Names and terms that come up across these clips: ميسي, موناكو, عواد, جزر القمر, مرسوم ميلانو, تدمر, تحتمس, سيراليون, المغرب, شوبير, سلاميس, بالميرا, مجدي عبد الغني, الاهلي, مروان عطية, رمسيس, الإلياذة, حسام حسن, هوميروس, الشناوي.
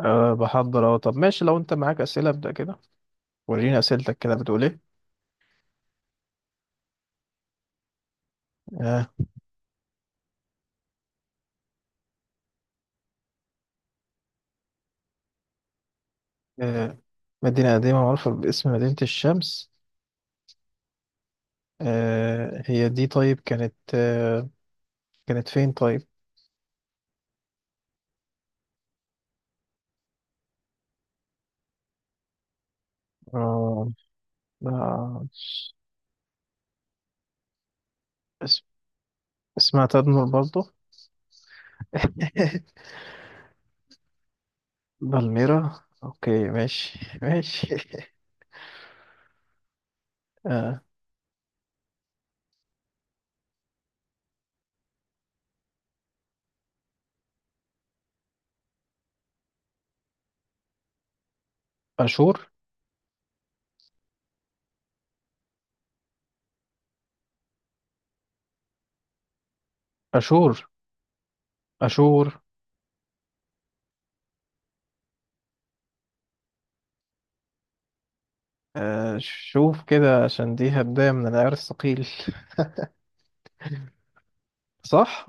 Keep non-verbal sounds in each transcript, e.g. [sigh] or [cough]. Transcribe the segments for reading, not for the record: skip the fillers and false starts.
بحضر طب ماشي لو انت معاك اسئله ابدا كده. وريني اسئلتك كده بتقول ايه؟ أه أه مدينه قديمه معروفه باسم مدينه الشمس. أه هي دي. طيب كانت كانت فين طيب؟ أه آه، اس- اسمها تدمر برضه. [laughs] بالميرا، اوكي، ماشي ماشي. [laughs] أه اشور. اشور. اشور. أه شوف كده، عشان دي هدايا من العيار الثقيل، صح؟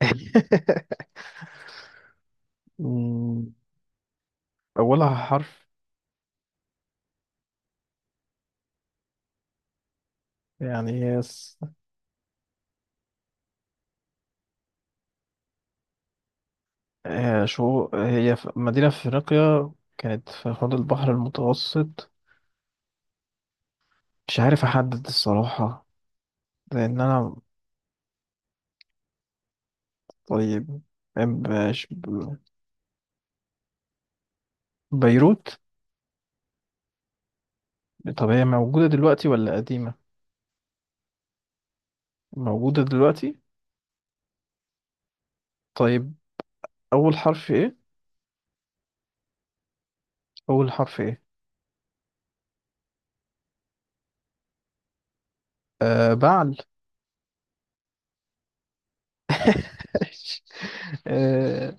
[laughs] مم. أولها حرف. يعني هي س- آه، شو هي في- مدينة في أفريقيا، كانت في حوض البحر المتوسط. مش عارف أحدد الصراحة، لأن أنا، طيب، مش- بيروت. طب هي موجودة دلوقتي ولا قديمة؟ موجودة دلوقتي. طيب أول حرف إيه؟ أول حرف إيه؟ أه بعل. [laughs] أه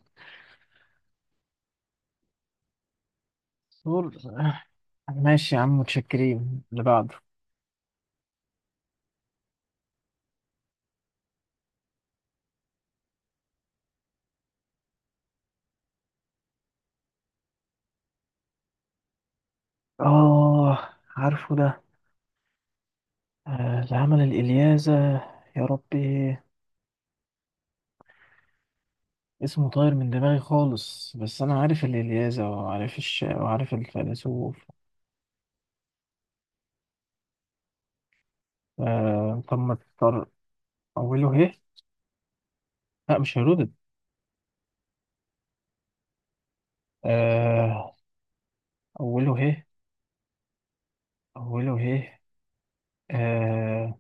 صور- آه، ماشي يا عم، متشكرين. اللي بعده. آه عارفه ده. العمل الإلياذة. يا ربي اسمه طاير من دماغي خالص، بس أنا عارف الإلياذة وعارف وعارف الفيلسوف. طب ما تختار. أوله ه. لا مش هيرودد. آه، أوله ه. أوله ه آه،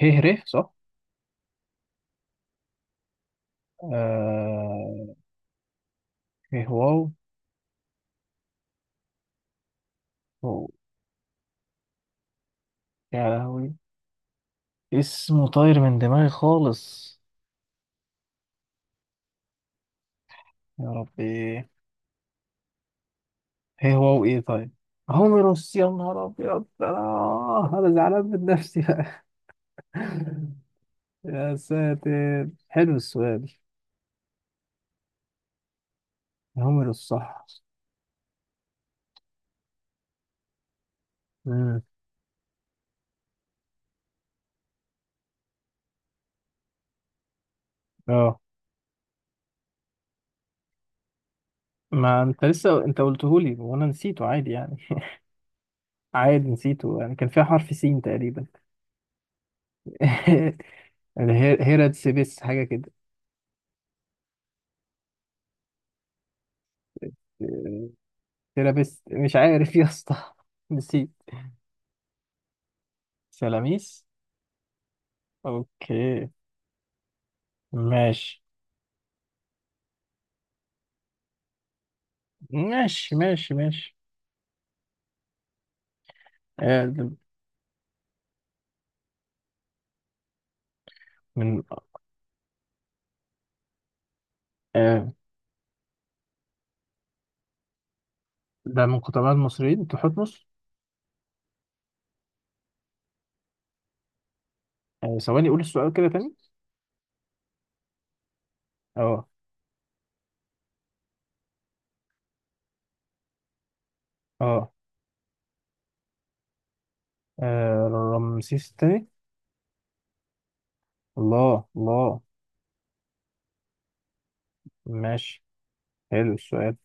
ه ر صح؟ آه، ه واو. أوه، يا لهوي، اسمه طاير من دماغي خالص. يا ربي هي هو وايه طيب. هوميروس. يا نهار ابيض، انا انا زعلان من نفسي بقى. [laughs] يا ساتر، حلو السؤال. هوميروس صح. امم. اه ما انت لسه انت قلته لي وانا نسيته، عادي يعني. [laughs] عادي نسيته، يعني كان فيها حرف سين تقريبا. [laughs] هيراتسبس حاجه كده. تيرابيست، مش عارف يا اسطى. [laughs] نسيت. سلاميس. اوكي. ماشي ماشي ماشي ماشي. آه، من آه ده من قدماء المصريين، تحتمس. آه ثواني قول السؤال كده تاني. اه اه. آه، رمسيس التاني. الله الله. ماشي. حلو السؤال.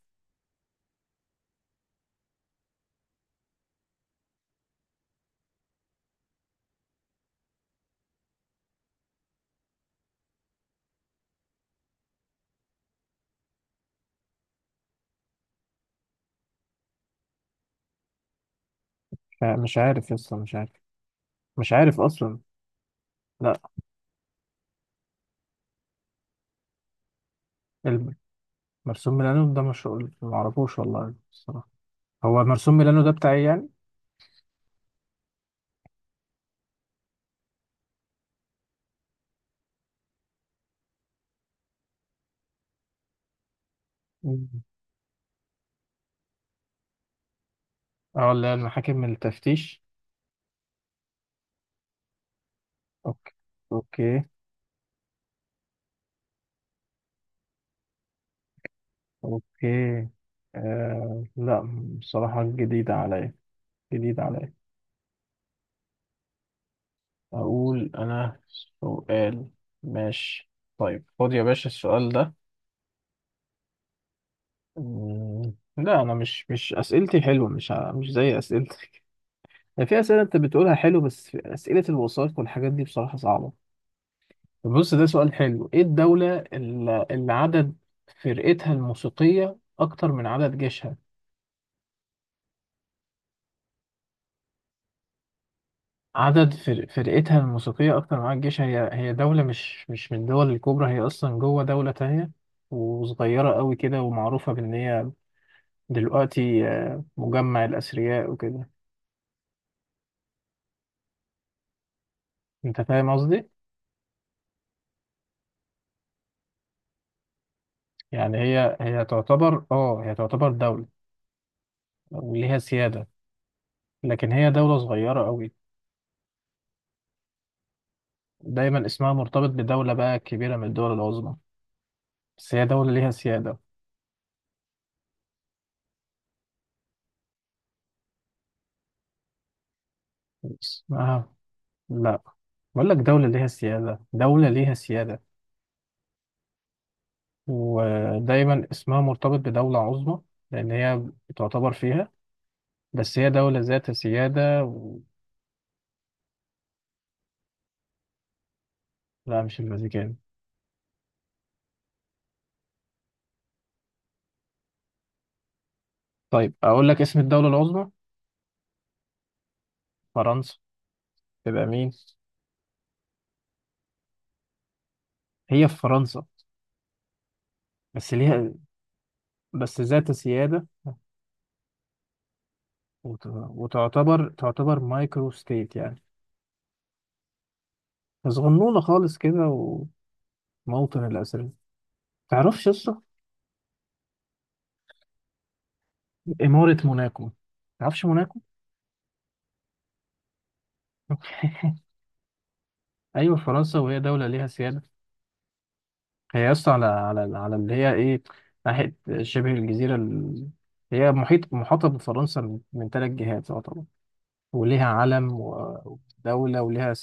مش عارف لسه مش عارف، مش عارف اصلا. لا. الب- مرسوم ميلانو ده مش ما اعرفوش والله الصراحه. هو مرسوم ميلانو ده بتاع ايه يعني؟ مم. اه اللي هي المحاكم من التفتيش. اوكي. اوكي. اوكي. آه لا، بصراحه جديده عليا، جديده عليا. أقول أنا سؤال؟ ماشي. طيب خد يا باشا السؤال ده. مم، لا أنا مش أسئلتي حلوة، مش زي أسئلتك. يعني في أسئلة أنت بتقولها حلو، بس في أسئلة الوثائق والحاجات دي بصراحة صعبة. طب بص ده سؤال حلو. إيه الدولة اللي عدد فرقتها الموسيقية أكتر من عدد جيشها؟ فرقتها الموسيقية أكتر من عدد جيشها. هي دولة مش من الدول الكبرى. هي أصلا جوه دولة تانية، وصغيرة قوي كده، ومعروفة بإن هي دلوقتي آه، مجمع الأثرياء وكده. أنت فاهم قصدي؟ يعني هي تعتبر آه هي تعتبر دولة وليها سيادة، لكن هي دولة صغيرة أوي. دايما اسمها مرتبط بدولة بقى كبيرة من الدول العظمى، بس هي دولة ليها سيادة. اسمها، لا، بقول لك دولة ليها سيادة، دولة ليها سيادة. ودايما اسمها مرتبط بدولة عظمى، لأن هي تعتبر فيها، بس هي دولة ذات سيادة و... لا مش الفاتيكان. طيب أقول لك اسم الدولة العظمى، فرنسا. تبقى مين؟ هي في فرنسا، بس ليها، بس ذات سيادة. وتعتبر تعتبر مايكرو ستيت يعني، صغنونة خالص كده، وموطن الأسرى. تعرفش قصة إمارة موناكو؟ تعرفش موناكو؟ [laughs] أيوة فرنسا، وهي دولة ليها سيادة. هي أصلا على على اللي هي إيه، ناحية شبه الجزيرة هي محاطة بفرنسا من ثلاث جهات طبعا، وليها علم ودولة وليها.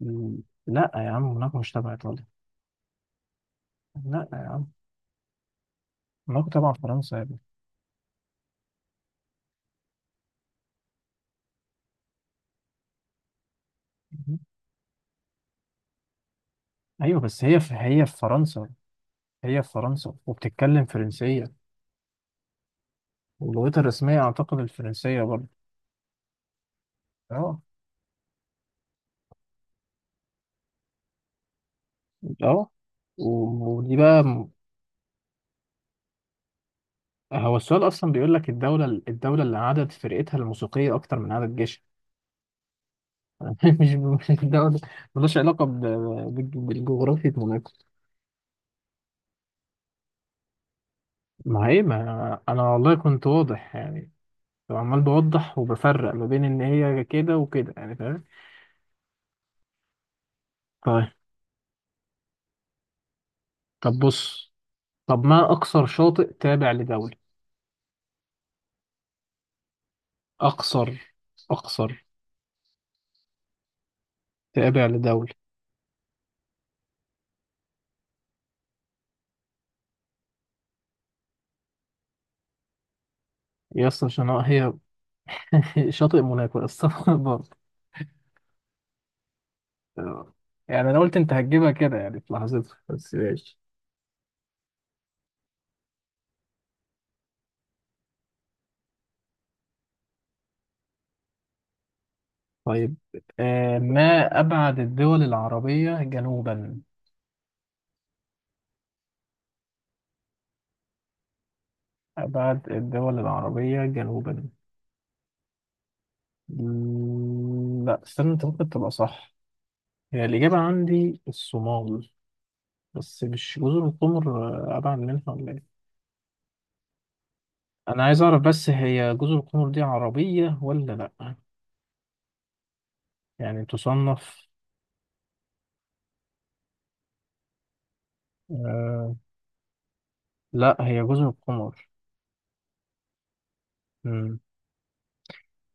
مم. لا يا عم موناكو مش تبع ايطاليا. لا يا عم، موناكو تبع فرنسا يا ابني. مم. ايوه بس هي في فرنسا. هي في فرنسا وبتتكلم فرنسيه، ولغتها الرسميه اعتقد الفرنسيه برضه. اه. اه. ودي بقى هو السؤال اصلا بيقول لك الدوله اللي عدد فرقتها الموسيقيه اكتر من عدد جيشها. [laughs] مش مش الدوله، ملوش علاقه بالجغرافيا موناكو. ما هي، ما انا والله كنت واضح يعني، فعمال بوضح وبفرق ما بين ان هي كده وكده يعني، فاهم؟ طيب. طب بص. طب ما اقصر شاطئ تابع لدولة؟ اقصر. اقصر تابع لدولة. يا اسطى عشان هي [laughs] شاطئ موناكو يا اسطى [laughs] برضه. آه. يعني انا قلت انت هتجيبها كده يعني في لحظتها، بس ماشي. طيب آه، ما ابعد الدول العربية جنوبا. ابعد الدول العربية جنوبا. لا استنى، انت ممكن تبقى صح. هي الإجابة عندي الصومال، بس مش جزر القمر. آه، أبعد منها ولا إيه؟ أنا عايز أعرف بس، هي جزر القمر دي عربية ولا لأ؟ يعني تصنف. آه لأ، هي جزر القمر. مم.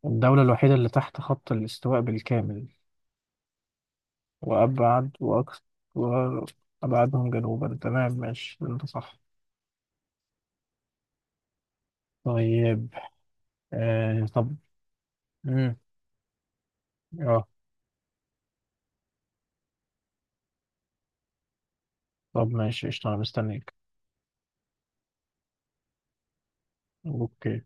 الدولة الوحيدة اللي تحت خط الاستواء بالكامل، وأبعد وأكثر وأبعدهم جنوبا. تمام ماشي أنت صح. طيب. آه طب. مم. اه. طب ماشي قشطة، أنا مستنيك. أوكي.